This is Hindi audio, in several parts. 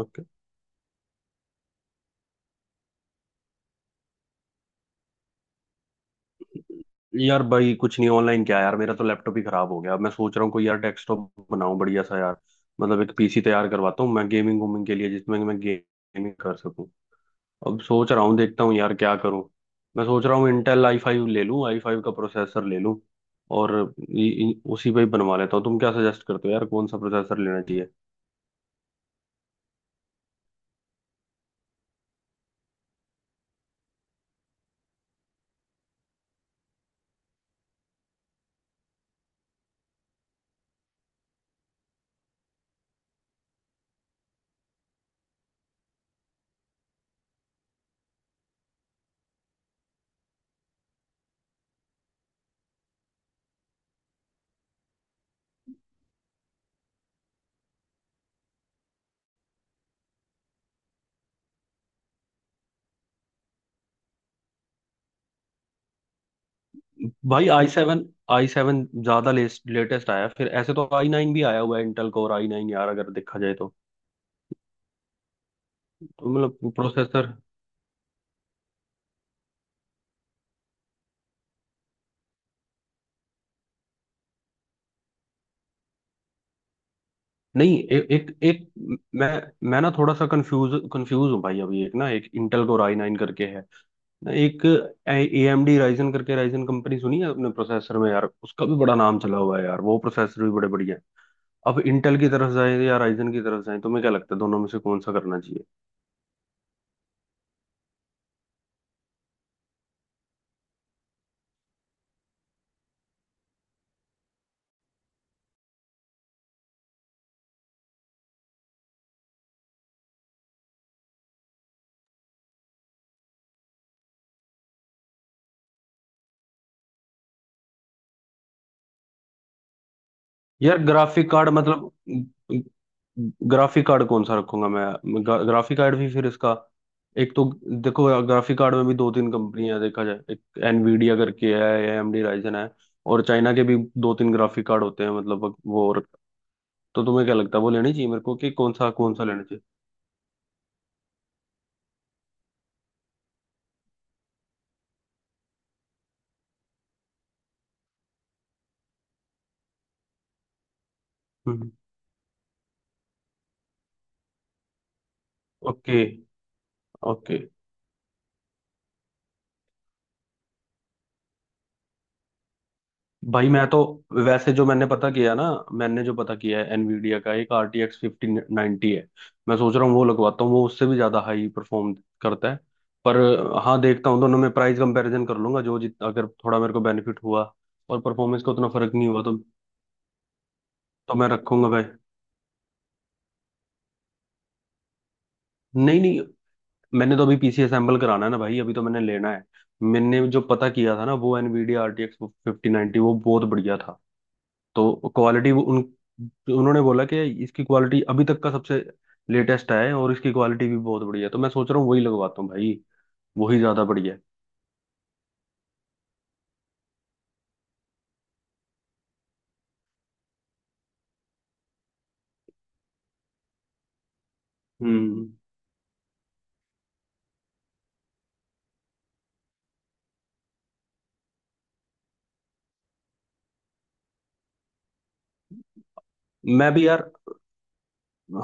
ओके। यार भाई कुछ नहीं ऑनलाइन क्या यार, मेरा तो लैपटॉप ही खराब हो गया। अब मैं सोच रहा हूँ कोई यार डेस्कटॉप बनाऊं बढ़िया सा यार। मतलब एक पीसी तैयार करवाता हूँ मैं गेमिंग वूमिंग के लिए, जिसमें मैं गेमिंग कर सकूँ। अब सोच रहा हूँ देखता हूँ यार क्या करूँ। मैं सोच रहा हूँ इंटेल आई फाइव ले लूँ, आई फाइव का प्रोसेसर ले लूँ। और उसी पे ही बनवा लेता हूँ। तुम क्या सजेस्ट करते हो यार, कौन सा प्रोसेसर लेना चाहिए? भाई आई सेवन। आई सेवन ज्यादा लेटेस्ट आया है। फिर ऐसे तो आई नाइन भी आया हुआ है, इंटेल कोर आई नाइन यार अगर देखा जाए तो। तो मतलब प्रोसेसर। नहीं एक एक मैं मैं ना थोड़ा सा कंफ्यूज कंफ्यूज हूँ भाई। अभी एक ना, एक इंटेल कोर आई नाइन करके है। ना एक AMD राइजन करके, राइजन कंपनी सुनी है अपने प्रोसेसर में यार। उसका भी बड़ा नाम चला हुआ है यार, वो प्रोसेसर भी बड़े बढ़िया हैं। अब इंटेल की तरफ जाए या राइजन की तरफ जाए, तुम्हें क्या लगता है दोनों में से कौन सा करना चाहिए? यार ग्राफिक कार्ड मतलब ग्राफिक कार्ड कौन सा रखूंगा मैं? ग्राफिक कार्ड भी फिर इसका। एक तो, देखो ग्राफिक कार्ड में भी दो तीन कंपनियां देखा जाए। एक एनवीडिया करके है, एएमडी राइजन है। और चाइना के भी दो तीन ग्राफिक कार्ड होते हैं मतलब वो। और तो तुम्हें क्या लगता है वो लेनी चाहिए मेरे को, कि कौन सा लेना चाहिए? हम्म। ओके। ओके। भाई मैं तो वैसे जो मैंने पता किया ना, मैंने जो पता किया है एनवीडिया का एक RTX 1590 है। मैं सोच रहा हूँ वो लगवाता हूँ, वो उससे भी ज्यादा हाई परफॉर्म करता है। पर हाँ देखता हूँ, दोनों में प्राइस कंपैरिजन कर लूंगा। जो जित अगर थोड़ा मेरे को बेनिफिट हुआ और परफॉर्मेंस का उतना फर्क नहीं हुआ तो। तो मैं रखूंगा भाई। नहीं नहीं, मैंने तो अभी पीसी असेंबल कराना है ना भाई, अभी तो मैंने लेना है। मैंने जो पता किया था ना, वो एनवीडिया RTX 1590 वो बहुत बढ़िया था। तो क्वालिटी उन उन्होंने बोला कि इसकी क्वालिटी अभी तक का सबसे लेटेस्ट है, और इसकी क्वालिटी भी बहुत बढ़िया है। तो मैं सोच रहा हूँ वही लगवाता हूँ भाई, वही ज्यादा बढ़िया है। हम्म। मैं भी यार।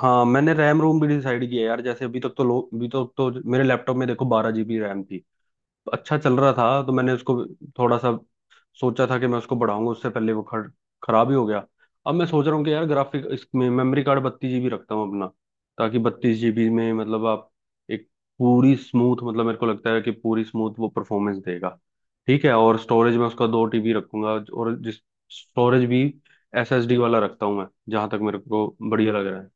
हाँ, मैंने रैम रोम भी डिसाइड किया यार। जैसे अभी तक तो लोग, अभी तक तो मेरे लैपटॉप में देखो 12 जीबी रैम थी। अच्छा चल रहा था, तो मैंने उसको थोड़ा सा सोचा था कि मैं उसको बढ़ाऊंगा, उससे पहले वो खराब ही हो गया। अब मैं सोच रहा हूँ कि यार ग्राफिक इसमें मेमोरी कार्ड 32 जीबी रखता हूँ अपना, ताकि 32 जीबी में मतलब आप एक पूरी स्मूथ, मतलब मेरे को लगता है कि पूरी स्मूथ वो परफॉर्मेंस देगा। ठीक है, और स्टोरेज में उसका 2 टीबी रखूंगा। और जिस स्टोरेज भी एसएसडी वाला रखता हूँ मैं, जहां तक मेरे को बढ़िया लग रहा है।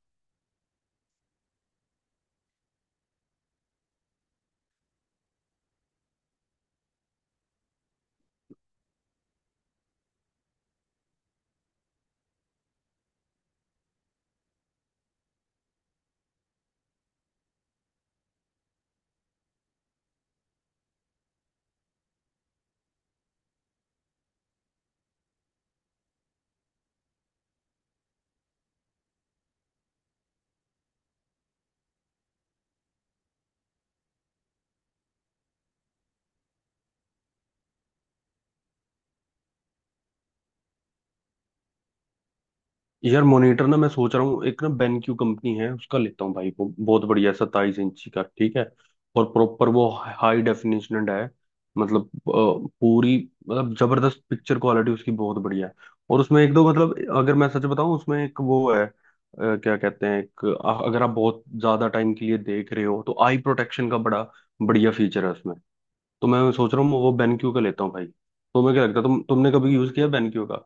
यार मॉनिटर ना, मैं सोच रहा हूँ एक ना बेनक्यू कंपनी है उसका लेता हूँ भाई। वो बहुत बढ़िया 27 इंची का ठीक है। और प्रॉपर वो हाई डेफिनेशन है। मतलब पूरी मतलब जबरदस्त पिक्चर क्वालिटी उसकी बहुत बढ़िया है। और उसमें एक दो मतलब, अगर मैं सच बताऊँ उसमें एक वो है क्या कहते हैं, एक अगर आप बहुत ज्यादा टाइम के लिए देख रहे हो तो आई प्रोटेक्शन का बड़ा बढ़िया फीचर है उसमें। तो मैं सोच रहा हूँ वो बेनक्यू का लेता हूँ भाई। तुम्हें क्या लगता है, तुमने कभी यूज किया बेनक्यू का?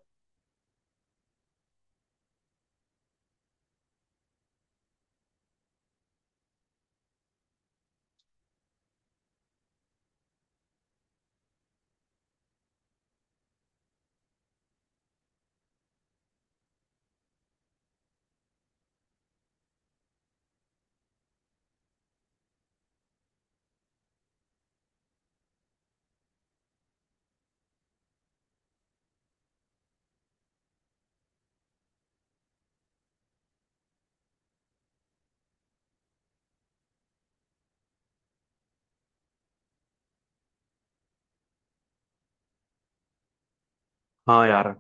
हाँ यार।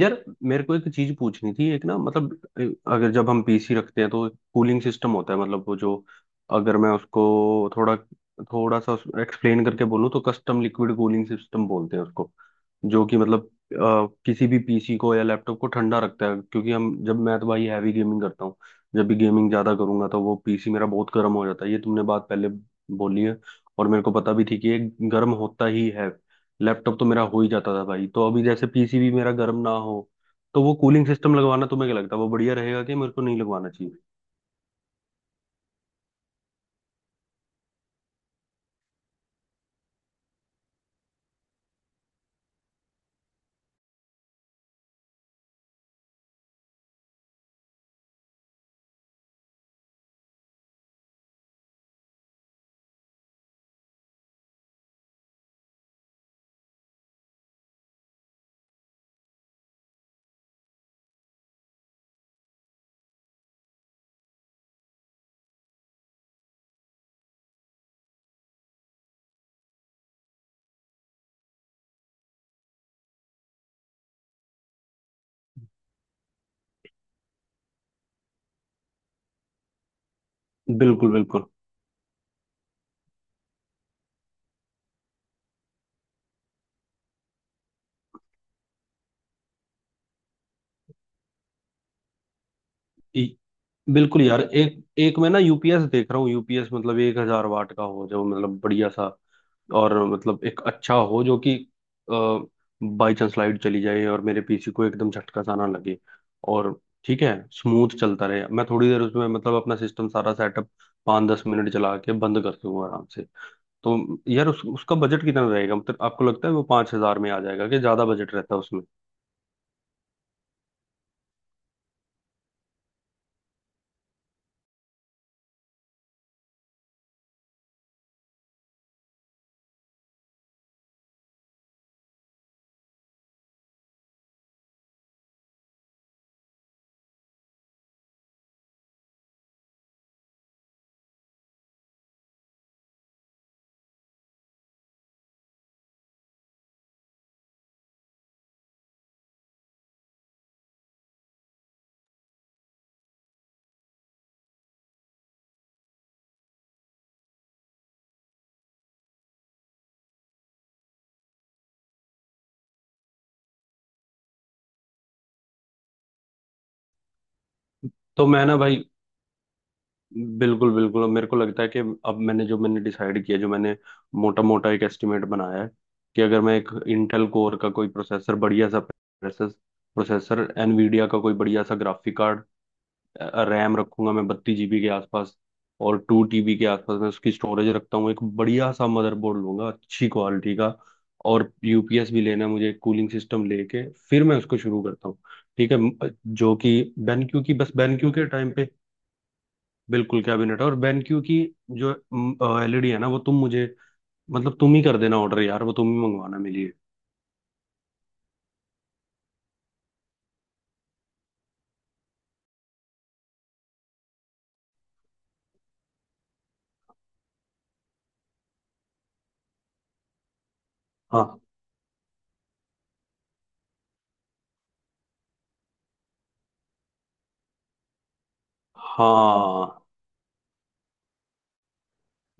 यार मेरे को एक चीज पूछनी थी। एक ना मतलब अगर जब हम पीसी रखते हैं तो कूलिंग सिस्टम होता है मतलब वो जो, अगर मैं उसको थोड़ा, थोड़ा सा एक्सप्लेन करके बोलूँ तो कस्टम लिक्विड कूलिंग सिस्टम बोलते हैं उसको। जो कि मतलब किसी भी पीसी को या लैपटॉप को ठंडा रखता है। क्योंकि हम जब, मैं तो भाई हैवी गेमिंग करता हूँ। जब भी गेमिंग ज्यादा करूंगा तो वो पीसी मेरा बहुत गर्म हो जाता है। ये तुमने बात पहले बोली है, और मेरे को पता भी थी कि ये गर्म होता ही है। लैपटॉप तो मेरा हो ही जाता था भाई, तो अभी जैसे पीसी भी मेरा गर्म ना हो। तो वो कूलिंग सिस्टम लगवाना, तुम्हें क्या लगता है वो बढ़िया रहेगा, कि मेरे को नहीं लगवाना चाहिए? बिल्कुल बिल्कुल। ई- बिल्कुल यार, एक एक मैं ना यूपीएस देख रहा हूँ। यूपीएस मतलब 1,000 वाट का हो जो, मतलब बढ़िया सा। और मतलब एक अच्छा हो जो कि बाई चांस लाइट चली जाए, और मेरे पीसी को एकदम झटका सा ना लगे। और ठीक है स्मूथ चलता रहे, मैं थोड़ी देर उसमें मतलब अपना सिस्टम सारा सेटअप 5-10 मिनट चला के बंद कर दूंगा आराम से। तो यार उसका बजट कितना रहेगा, मतलब आपको लगता है वो 5,000 में आ जाएगा, कि ज्यादा बजट रहता है उसमें? तो मैं ना भाई बिल्कुल बिल्कुल, अब मेरे को लगता है कि अब मैंने जो, मैंने डिसाइड किया, जो मैंने मोटा मोटा एक एस्टिमेट बनाया है कि अगर मैं एक इंटेल कोर का कोई प्रोसेसर, बढ़िया सा प्रोसेसर प्रोसेसर, एनवीडिया का कोई बढ़िया सा ग्राफिक कार्ड, रैम रखूंगा मैं 32 जीबी के आसपास, और 2 टीबी के आसपास मैं उसकी स्टोरेज रखता हूँ। एक बढ़िया सा मदरबोर्ड लूंगा अच्छी क्वालिटी का। और यूपीएस भी लेना है मुझे, कूलिंग सिस्टम लेके फिर मैं उसको शुरू करता हूँ। ठीक है, जो कि बेनक्यू की, बस बेनक्यू के टाइम पे। बिल्कुल कैबिनेट है। और बेनक्यू की जो एलईडी है ना, वो तुम मुझे मतलब तुम ही कर देना ऑर्डर यार, वो तुम ही मंगवाना मेरे लिए। हाँ। हाँ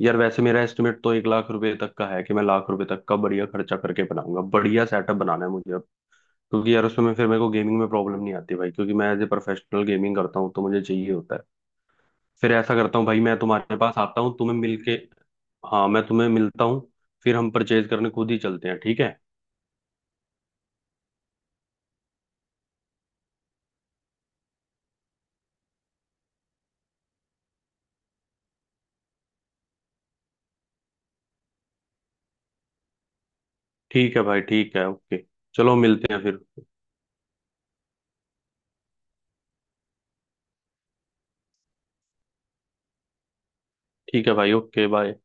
यार वैसे मेरा एस्टिमेट तो 1 लाख रुपए तक का है, कि मैं लाख रुपए तक का बढ़िया खर्चा करके बनाऊंगा, बढ़िया सेटअप बनाना है मुझे अब। क्योंकि यार उसमें फिर मेरे को गेमिंग में प्रॉब्लम नहीं आती भाई, क्योंकि मैं एज ए प्रोफेशनल गेमिंग करता हूँ तो मुझे चाहिए होता है। फिर ऐसा करता हूँ भाई, मैं तुम्हारे पास आता हूँ तुम्हें मिलके। हाँ मैं तुम्हें मिलता हूँ, फिर हम परचेज करने खुद ही चलते हैं, ठीक है। ठीक है भाई, ठीक है ओके। चलो मिलते हैं फिर। ठीक है भाई ओके बाय।